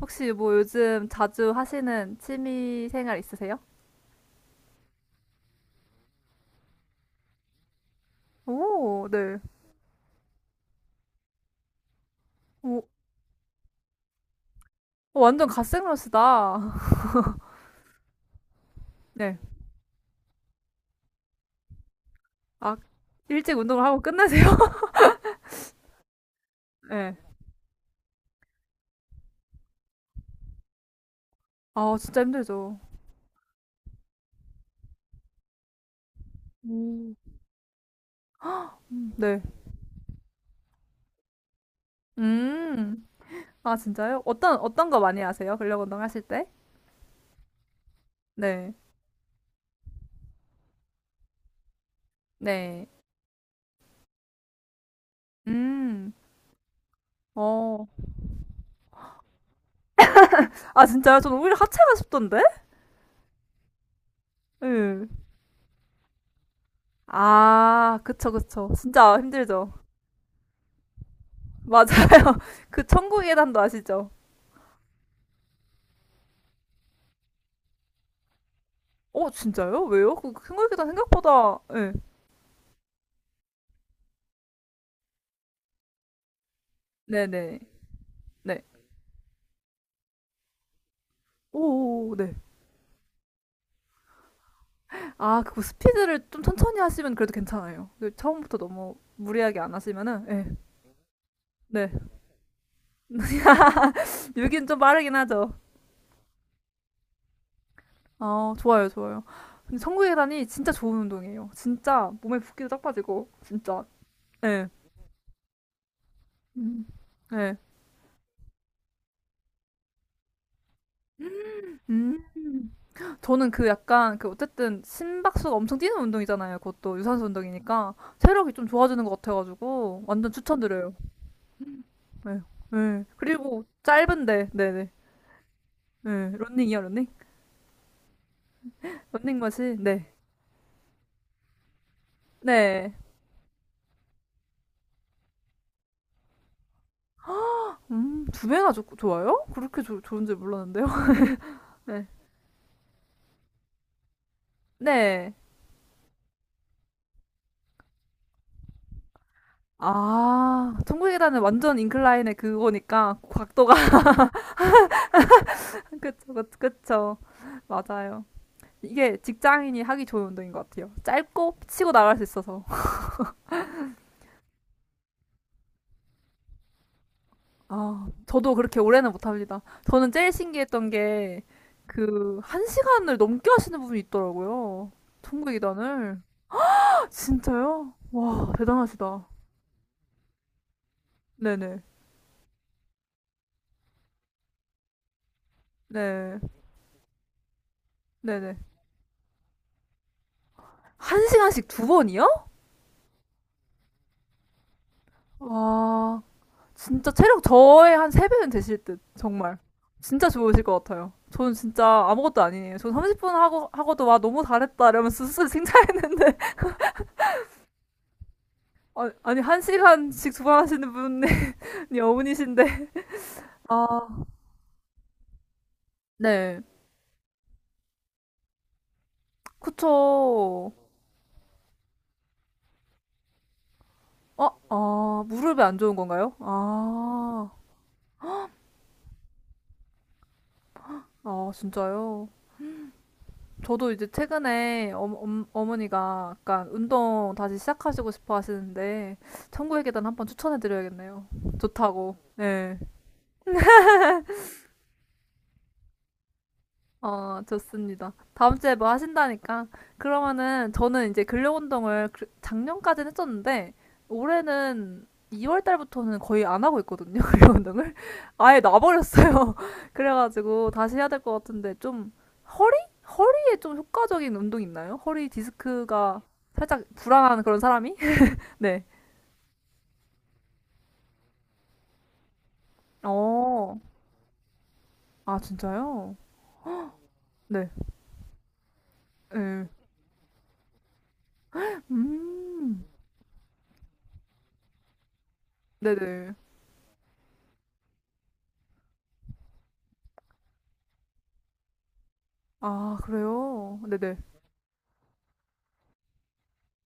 혹시 뭐 요즘 자주 하시는 취미 생활 있으세요? 오, 네. 오, 어, 완전 갓생러시다. 네. 아, 일찍 운동을 하고 끝내세요? 네. 아, 진짜 힘들죠. 네. 음. 아, 진짜요? 어떤 거 많이 하세요? 근력 운동 하실 때? 네. 네. 음. 어. 아, 진짜요? 저는 오히려 하체가 쉽던데? 네. 아, 그쵸, 그쵸. 진짜 힘들죠. 맞아요. 그 천국의 계단도 아시죠? 어, 진짜요? 왜요? 그 생각보다 예. 네, 네. 네. 오오오 네. 아, 그거 스피드를 좀 천천히 하시면 그래도 괜찮아요. 그 처음부터 너무 무리하게 안 하시면은 예. 네. 여긴 좀 빠르긴 하죠. 아, 좋아요, 좋아요. 근데 천국의 계단이 진짜 좋은 운동이에요. 진짜 몸에 붓기도 딱 빠지고 진짜. 예. 음. 예. 음. 저는 그 약간 그 어쨌든 심박수가 엄청 뛰는 운동이잖아요. 그것도 유산소 운동이니까 체력이 좀 좋아지는 것 같아가지고 완전 추천드려요. 네. 네. 그리고 짧은데. 네네. 네. 런닝이요, 런닝? 런닝머신. 네. 네. 두 배나 좋아요? 그렇게 좋 좋은 줄 몰랐는데요. 네. 네. 아, 천국의 계단은 완전 인클라인의 그거니까 각도가 그쵸, 그쵸, 그쵸. 맞아요. 이게 직장인이 하기 좋은 운동인 것 같아요. 짧고 치고 나갈 수 있어서. 아, 저도 그렇게 오래는 못합니다. 저는 제일 신기했던 게, 그, 한 시간을 넘게 하시는 분이 있더라고요. 천국이단을. 진짜요? 와, 대단하시다. 네네. 네. 네네. 한 시간씩 두 번이요? 와, 진짜 체력 저의 한 세 배는 되실 듯. 정말. 진짜 좋으실 것 같아요. 저는 진짜 아무것도 아니에요. 저 30분 하고, 하고도 와, 너무 잘했다. 이러면서 스스로 칭찬했는데. 아니, 아니, 한 시간씩 두 번 하시는 분이 어머니신데. 아, 네. 그쵸. 아, 아, 무릎에 안 좋은 건가요? 아, 아, 진짜요? 저도 이제 최근에 어머니가 약간 운동 다시 시작하시고 싶어 하시는데, 천국의 계단 한번 추천해 드려야겠네요. 좋다고. 네. 어, 좋습니다. 다음 주에 뭐 하신다니까. 그러면은 저는 이제 근력 운동을 그- 작년까지는 했었는데 올해는 2월 달부터는 거의 안 하고 있거든요. 근력 운동을 아예 놔버렸어요. 그래가지고 다시 해야 될 것 같은데 좀 허리? 허리에 좀 효과적인 운동 있나요? 허리 디스크가 살짝 불안한 그런 사람이? 네. 어. 아, 진짜요? 네. 네. 음. 네네. 아, 그래요? 네네.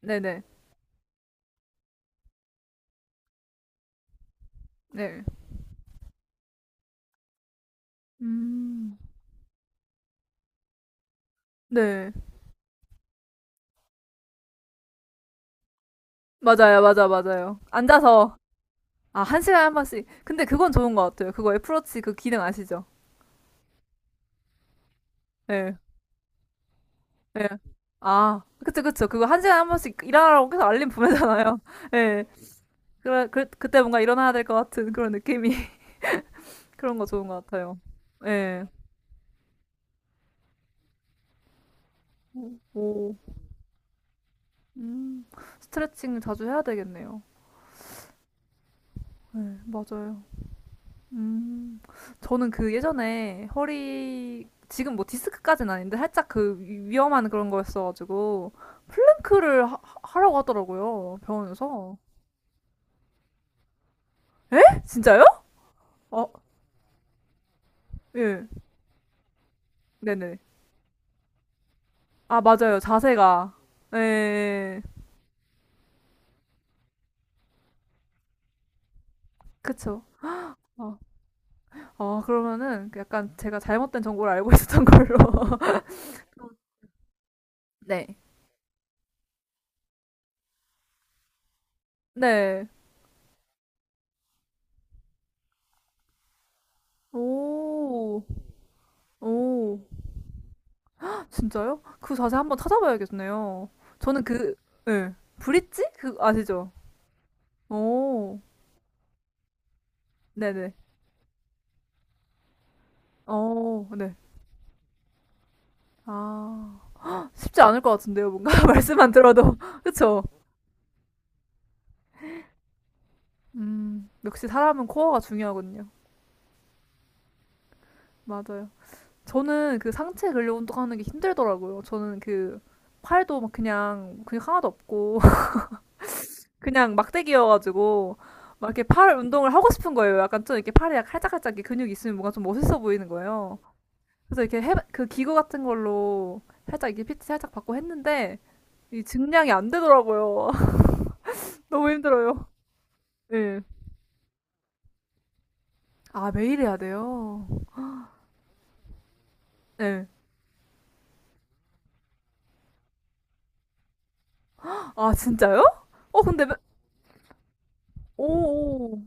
네네. 네. 음. 네. 맞아요, 맞아, 맞아요. 앉아서, 아, 한 시간에 한 번씩. 근데 그건 좋은 것 같아요. 그거 애플워치 그 기능 아시죠? 예, 예. 아, 그쵸, 그쵸. 그거 한 시간에 한 번씩 일어나라고 계속 알림 보내잖아요. 예. 그래, 그, 그때 뭔가 일어나야 될 것 같은 그런 느낌이. 그런 거 좋은 것 같아요. 예. 오, 오. 음. 스트레칭 자주 해야 되겠네요. 네 맞아요. 음, 저는 그 예전에 허리, 지금 뭐 디스크까지는 아닌데 살짝 그 위험한 그런 거였어가지고, 플랭크를 하라고 하더라고요, 병원에서. 에? 진짜요? 어, 예. 네네. 아, 맞아요. 자세가. 예, 예, 예. 그쵸. 어, 어, 그러면은 그 약간 제가 잘못된 정보를 알고 있었던 걸로. 네. 네. 오, 오. 진짜요? 그 자세 한번 찾아봐야겠네요. 저는 그, 예. 브릿지? 그, 아시죠? 오, 네네. 어, 네. 아, 쉽지 않을 것 같은데요, 뭔가. 말씀만 들어도. 그쵸? 역시 사람은 코어가 중요하거든요. 맞아요. 저는 그 상체 근력 운동하는 게 힘들더라고요. 저는 그, 팔도 막 그냥, 근육 하나도 없고, 그냥 막대기여가지고, 막 이렇게 팔 운동을 하고 싶은 거예요. 약간 좀 이렇게 팔에 칼짝칼짝 이렇게 근육이 있으면 뭔가 좀 멋있어 보이는 거예요. 그래서 이렇게 해, 그 기구 같은 걸로 살짝 이게 피 t 살짝 받고 했는데 이 증량이 안 되더라고요. 너무 힘들어요. 네. 아, 매일 해야 돼요. 네. 아, 진짜요? 어, 근데 오. 오.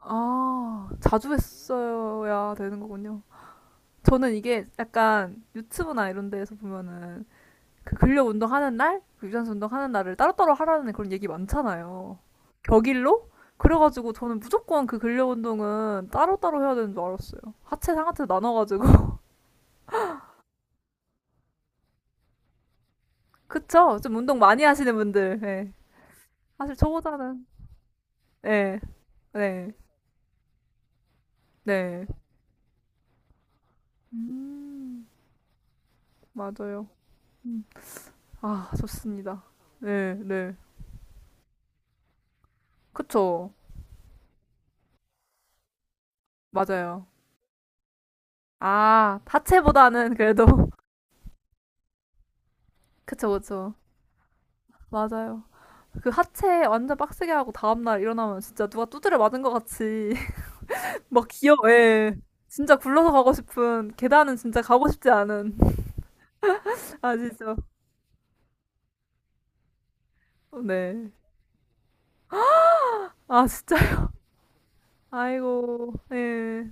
아, 자주 했어야 되는 거군요. 저는 이게 약간 유튜브나 이런 데에서 보면은 그 근력 운동하는 날, 그 유산소 운동하는 날을 따로따로 하라는 그런 얘기 많잖아요. 격일로? 그래가지고 저는 무조건 그 근력 운동은 따로따로 해야 되는 줄 알았어요. 하체, 상하체 나눠가지고. 그쵸? 좀 운동 많이 하시는 분들. 예. 사실 저보다는. 네. 네. 네. 음, 맞아요. 음. 아, 좋습니다. 네, 네. 그쵸. 맞아요. 아, 하체보다는 그래도. 그쵸, 그쵸. 맞아요. 그 하체 완전 빡세게 하고 다음날 일어나면 진짜 누가 두드려 맞은 것 같이 막 기어, 예. 진짜 굴러서 가고 싶은, 계단은 진짜 가고 싶지 않은. 아시죠? 네. 아, 진짜. 아이고, 예.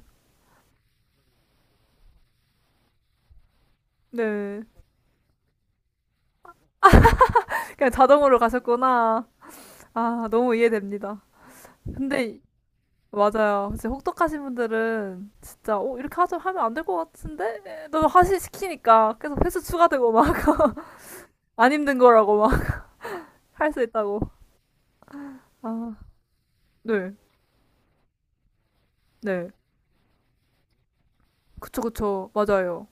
네. 그냥 자동으로 가셨구나. 아, 너무 이해됩니다. 근데, 맞아요. 진짜 혹독하신 분들은 진짜, 어, 이렇게 하자 하면 안 될 것 같은데? 너무 하시 시키니까 계속 횟수 추가되고 막. 안 힘든 거라고 막 할 수 있다고. 아, 네. 네. 그쵸, 그쵸. 맞아요.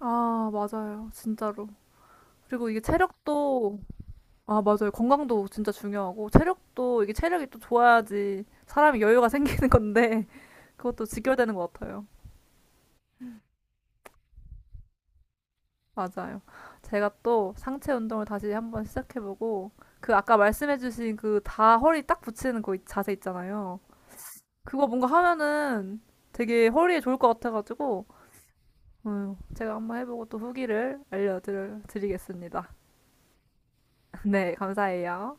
아, 맞아요. 진짜로. 그리고 이게 체력도, 아, 맞아요. 건강도 진짜 중요하고, 체력도, 이게 체력이 또 좋아야지 사람이 여유가 생기는 건데, 그것도 직결되는 것 같아요. 맞아요. 제가 또 상체 운동을 다시 한번 시작해보고, 그 아까 말씀해주신 그 다 허리 딱 붙이는 그 자세 있잖아요. 그거 뭔가 하면은 되게 허리에 좋을 것 같아가지고, 제가 한번 해보고 또 후기를 알려드리겠습니다. 네, 감사해요.